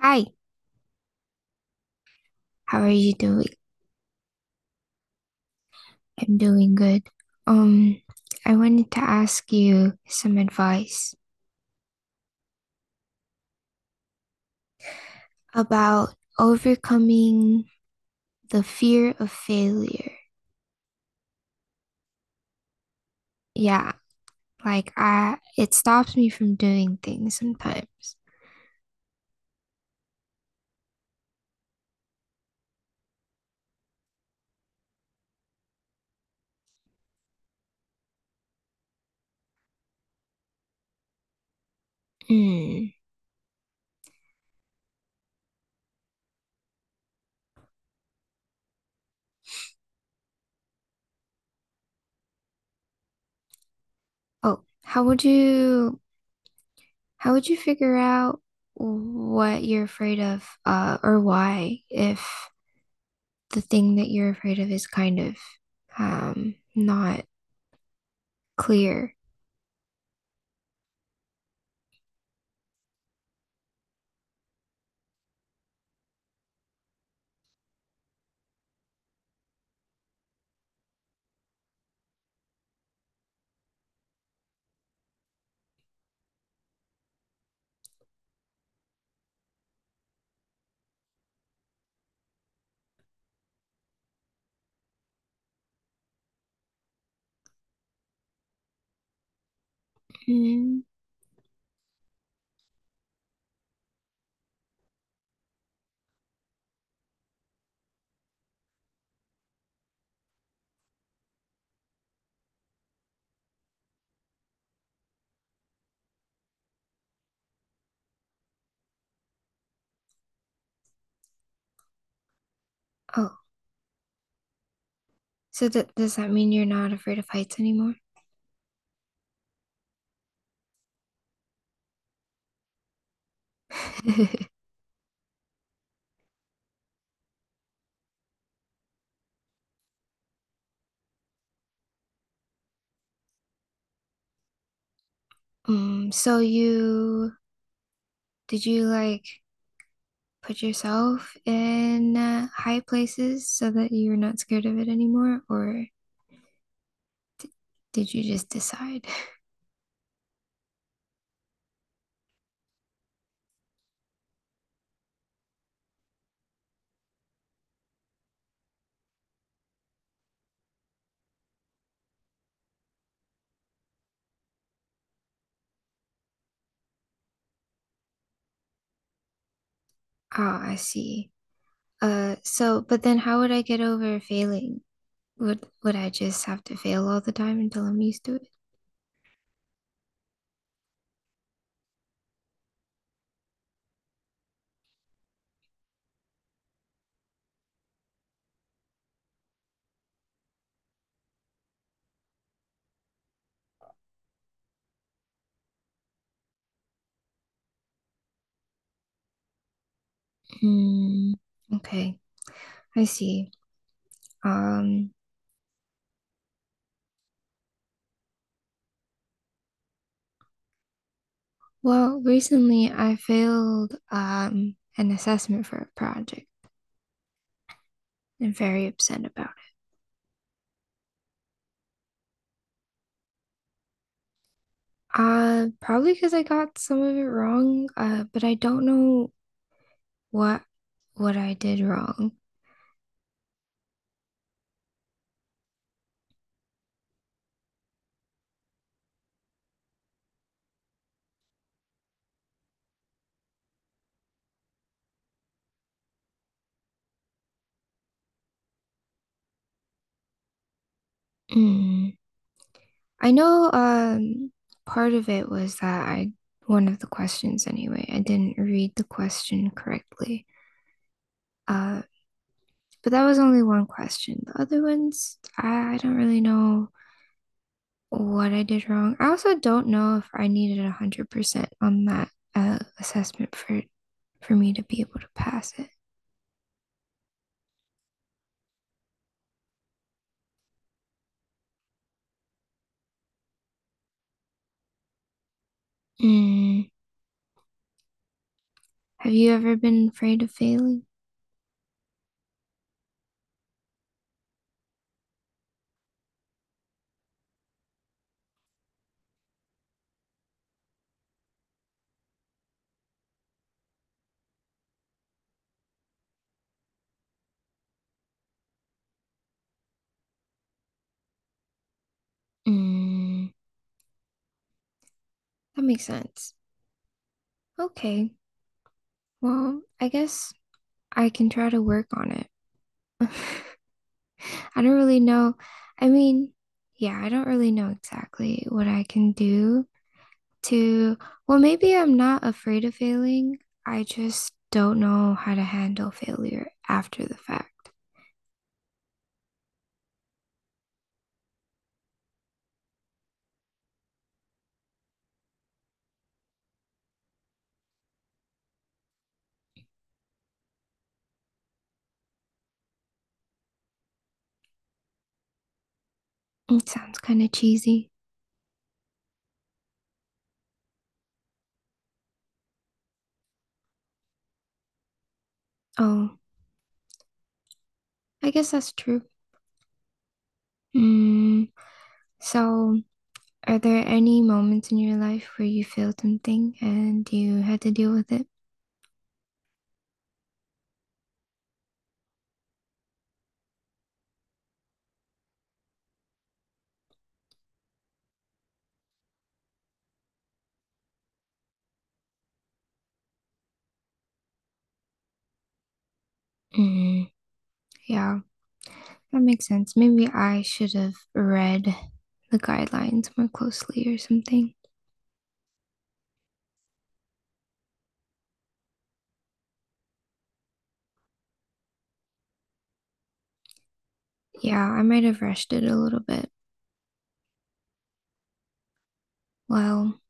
Hi, how are you doing? I'm doing good. Um, I wanted to ask you some advice about overcoming the fear of failure. Yeah, like it stops me from doing things sometimes. Hmm. Oh, how would you figure out what you're afraid of, or why if the thing that you're afraid of is not clear? Hmm. Oh. So that does that mean you're not afraid of heights anymore? So you did you like put yourself in high places so that you're not scared of it anymore, or did you just decide? Ah, I see. So but then how would I get over failing? Would I just have to fail all the time until I'm used to it? Hmm. Okay, I see. Um, well, recently I failed an assessment for a project. I'm very upset about it. Probably because I got some of it wrong. But I don't know what what I did wrong. Mm. I know part of it was that I one of the questions anyway. I didn't read the question correctly. Uh, but that was only one question. The other ones, I don't really know what I did wrong. I also don't know if I needed 100% on that assessment for me to be able to pass it. Mm. Have you ever been afraid of failing? Mm. That makes sense. Okay. Well, I guess I can try to work on it. I don't really know. I mean, yeah, I don't really know exactly what I can do to, well, maybe I'm not afraid of failing. I just don't know how to handle failure after the fact. It sounds kind of cheesy. Oh, I guess that's true. Mm, so are there any moments in your life where you failed something and you had to deal with it? Mm, yeah, that makes sense. Maybe I should have read the guidelines more closely or something. Yeah, I might have rushed it a little bit. Well,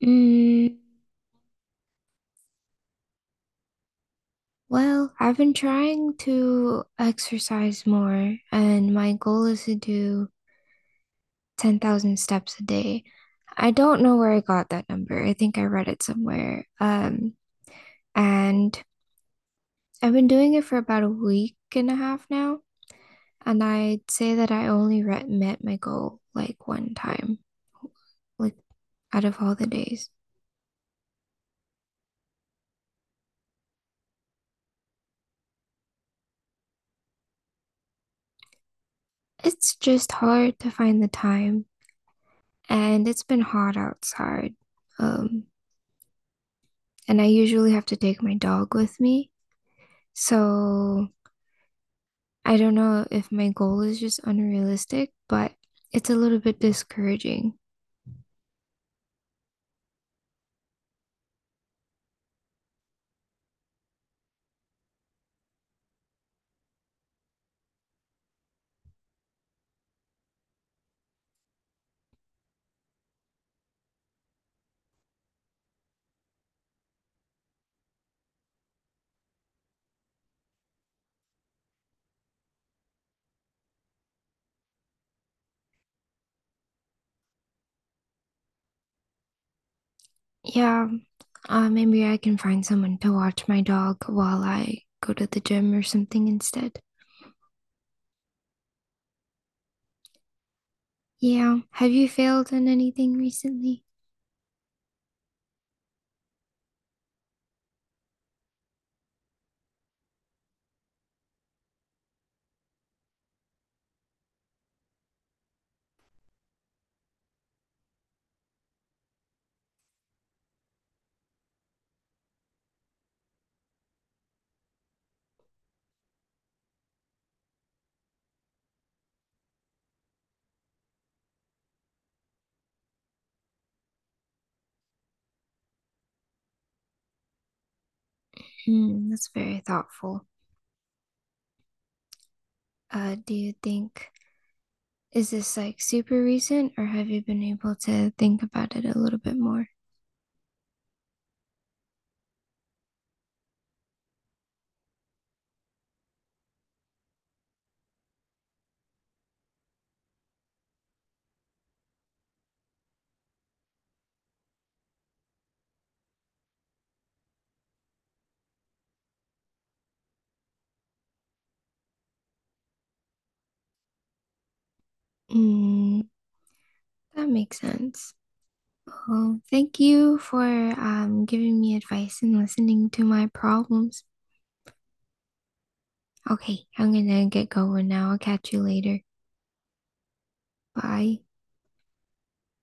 mm, well, I've been trying to exercise more, and my goal is to do 10,000 steps a day. I don't know where I got that number. I think I read it somewhere. And I've been doing it for about a week and a half now, and I'd say that I only re met my goal like one time, like out of all the days. It's just hard to find the time, and it's been hot outside. Um, and I usually have to take my dog with me, so I don't know if my goal is just unrealistic, but it's a little bit discouraging. Yeah, uh, maybe I can find someone to watch my dog while I go to the gym or something instead. Yeah. Have you failed in anything recently? Hmm, that's very thoughtful. Uh, do you think, is this like super recent, or have you been able to think about it a little bit more? Hmm, that makes sense. Well, thank you for giving me advice and listening to my problems. Okay, I'm gonna get going now. I'll catch you later. Bye.